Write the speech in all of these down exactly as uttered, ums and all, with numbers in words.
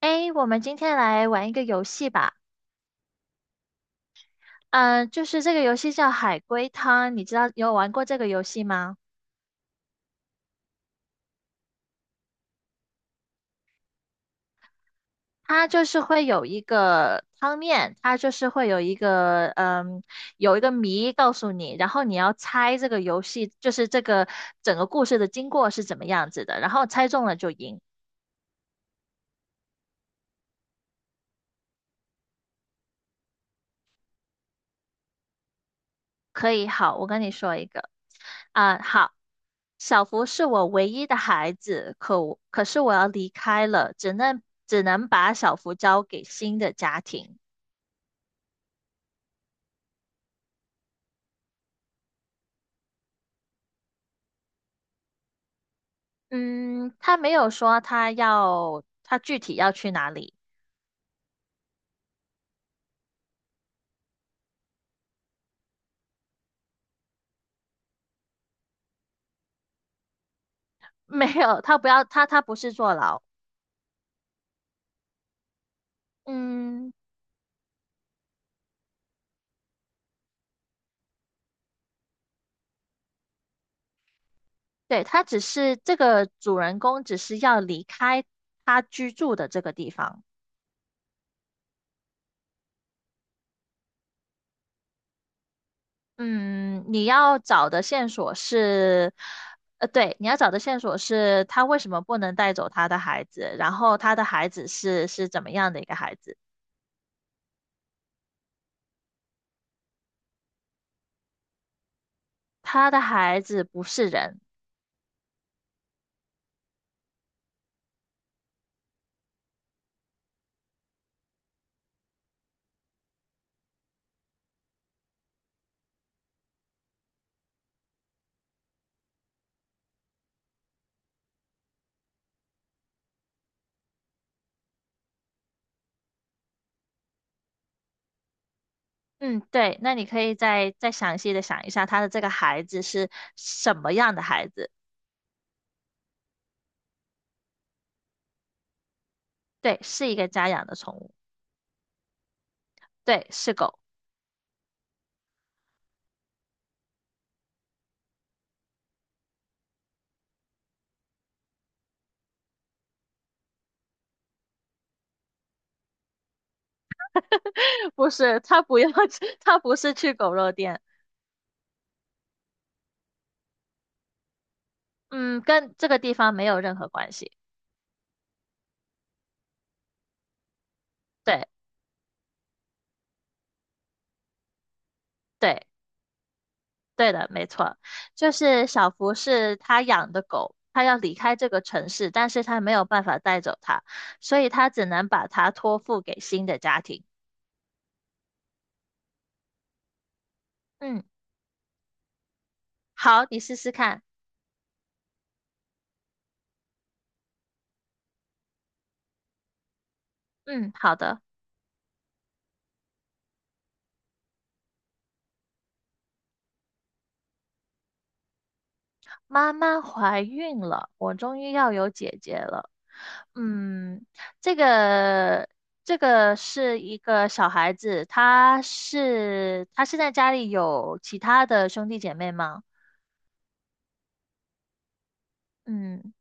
诶，我们今天来玩一个游戏吧。嗯、就是这个游戏叫海龟汤，你知道有玩过这个游戏吗？它就是会有一个汤面，它就是会有一个嗯，有一个谜告诉你，然后你要猜这个游戏，就是这个整个故事的经过是怎么样子的，然后猜中了就赢。可以，好，我跟你说一个，啊、好，小福是我唯一的孩子，可我可是我要离开了，只能只能把小福交给新的家庭。嗯，他没有说他要他具体要去哪里。没有，他不要他他不是坐牢。嗯，对，他只是这个主人公只是要离开他居住的这个地方。嗯，你要找的线索是，呃，对，你要找的线索是他为什么不能带走他的孩子，然后他的孩子是是怎么样的一个孩子？他的孩子不是人。嗯，对，那你可以再再详细的想一下，他的这个孩子是什么样的孩子？对，是一个家养的宠物。对，是狗。不是，他不要去，他不是去狗肉店。嗯，跟这个地方没有任何关系。对。对，对的，没错，就是小福是他养的狗，他要离开这个城市，但是他没有办法带走它，所以他只能把它托付给新的家庭。嗯，好，你试试看。嗯，好的。妈妈怀孕了，我终于要有姐姐了。嗯，这个这个是一个小孩子，他是他是在家里有其他的兄弟姐妹吗？嗯，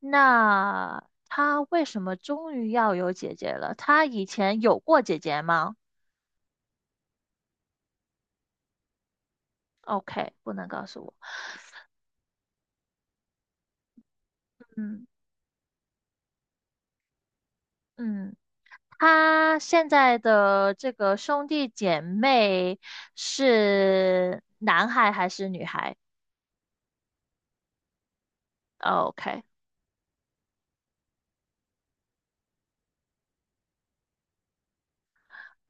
那他为什么终于要有姐姐了？他以前有过姐姐吗？OK,不能告诉我。嗯嗯，他现在的这个兄弟姐妹是男孩还是女孩？OK,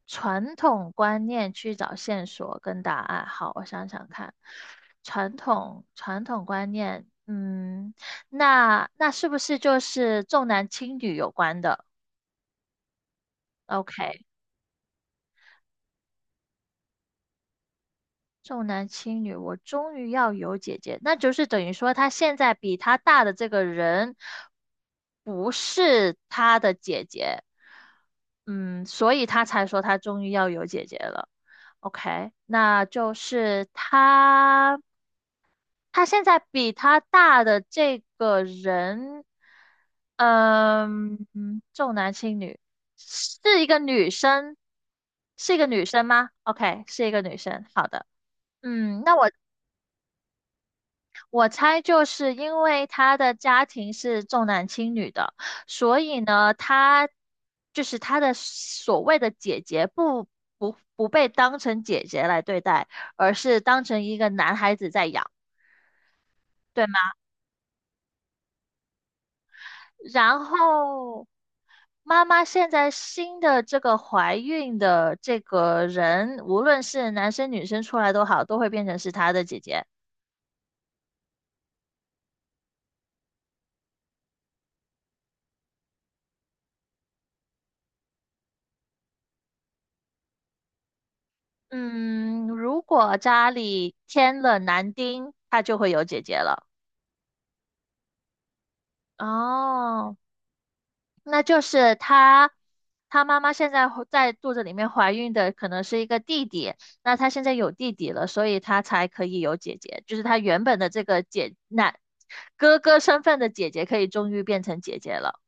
传统观念去找线索跟答案。好，我想想看，传统传统观念，嗯，那那是不是就是重男轻女有关的？OK。重男轻女，我终于要有姐姐，那就是等于说他现在比他大的这个人不是他的姐姐，嗯，所以他才说他终于要有姐姐了。OK,那就是他，他现在比他大的这个人，嗯，重男轻女，是一个女生，是一个女生吗？OK,是一个女生，好的。嗯，那我我猜就是因为他的家庭是重男轻女的，所以呢，他就是他的所谓的姐姐不不不被当成姐姐来对待，而是当成一个男孩子在养，对吗？然后妈妈现在新的这个怀孕的这个人，无论是男生女生出来都好，都会变成是他的姐姐。嗯，如果家里添了男丁，他就会有姐姐了。哦，那就是她，她妈妈现在怀在肚子里面怀孕的可能是一个弟弟，那她现在有弟弟了，所以她才可以有姐姐，就是她原本的这个姐那哥哥身份的姐姐可以终于变成姐姐了。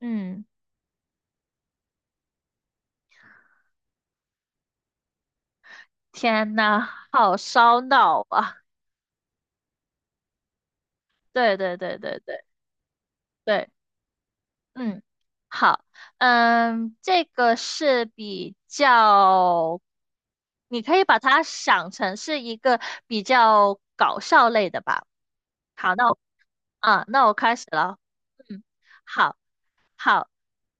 嗯，天呐，好烧脑啊！对对对对对对。嗯，好，嗯，这个是比较，你可以把它想成是一个比较搞笑类的吧。好，那我啊，那我开始了。嗯，好，好，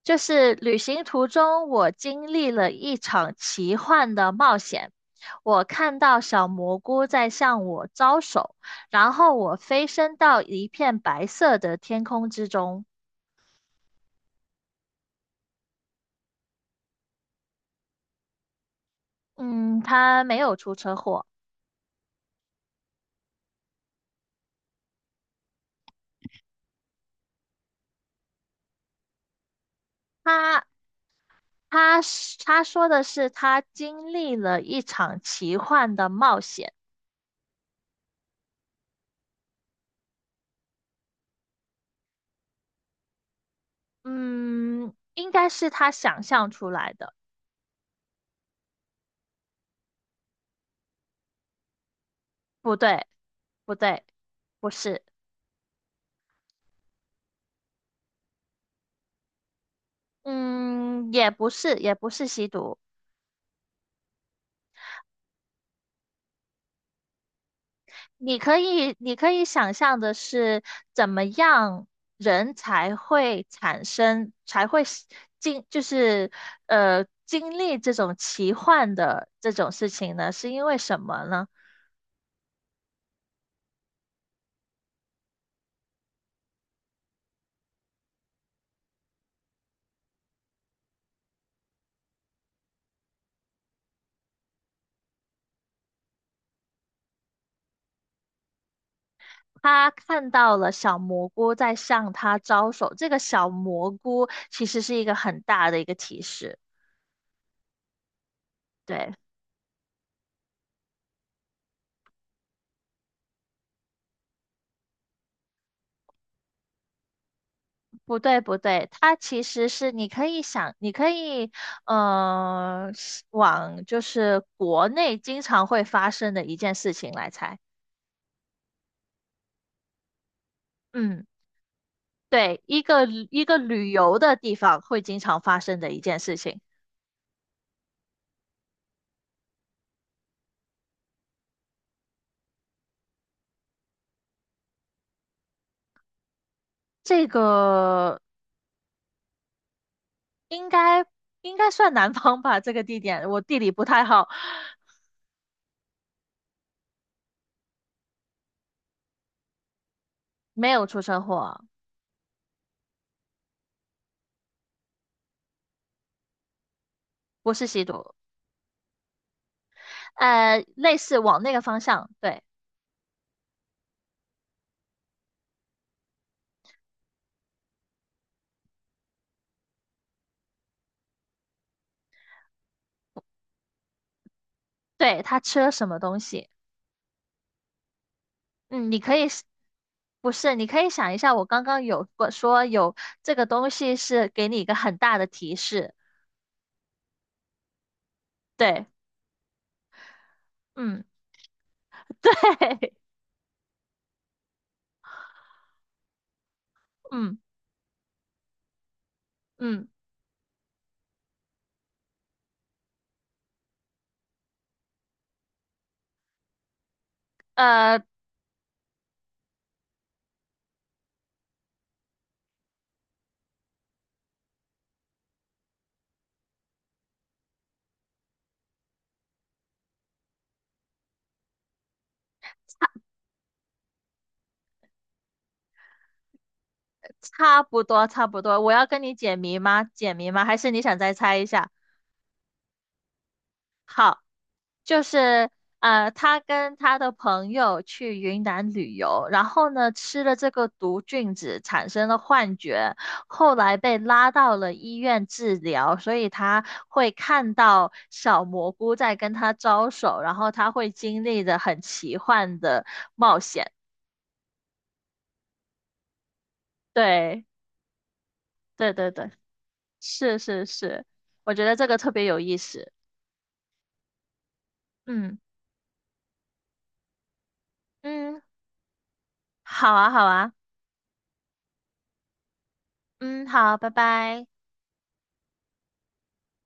就是旅行途中，我经历了一场奇幻的冒险。我看到小蘑菇在向我招手，然后我飞升到一片白色的天空之中。嗯，他没有出车祸。他他是他说的是他经历了一场奇幻的冒险。嗯，应该是他想象出来的。不对，不对，不是。嗯，也不是，也不是吸毒。你可以你可以想象的是怎么样人才会产生才会是经就是呃经历这种奇幻的这种事情呢？是因为什么呢？他看到了小蘑菇在向他招手，这个小蘑菇其实是一个很大的一个提示。对，不对，不对，它其实是你可以想，你可以，呃，是往就是国内经常会发生的一件事情来猜。嗯，对，一个一个旅游的地方会经常发生的一件事情。这个应该应该算南方吧，这个地点我地理不太好。没有出车祸。不是吸毒。呃，类似往那个方向，对。对，他吃了什么东西？嗯，你可以是。不是，你可以想一下，我刚刚有过说有这个东西是给你一个很大的提示。对。嗯，对。嗯嗯。呃，差不多差不多，我要跟你解谜吗？解谜吗？还是你想再猜一下？就是呃，他跟他的朋友去云南旅游，然后呢吃了这个毒菌子，产生了幻觉，后来被拉到了医院治疗，所以他会看到小蘑菇在跟他招手，然后他会经历的很奇幻的冒险。对，对对对，是是是，我觉得这个特别有意思。嗯嗯，好啊好啊，嗯好，拜拜。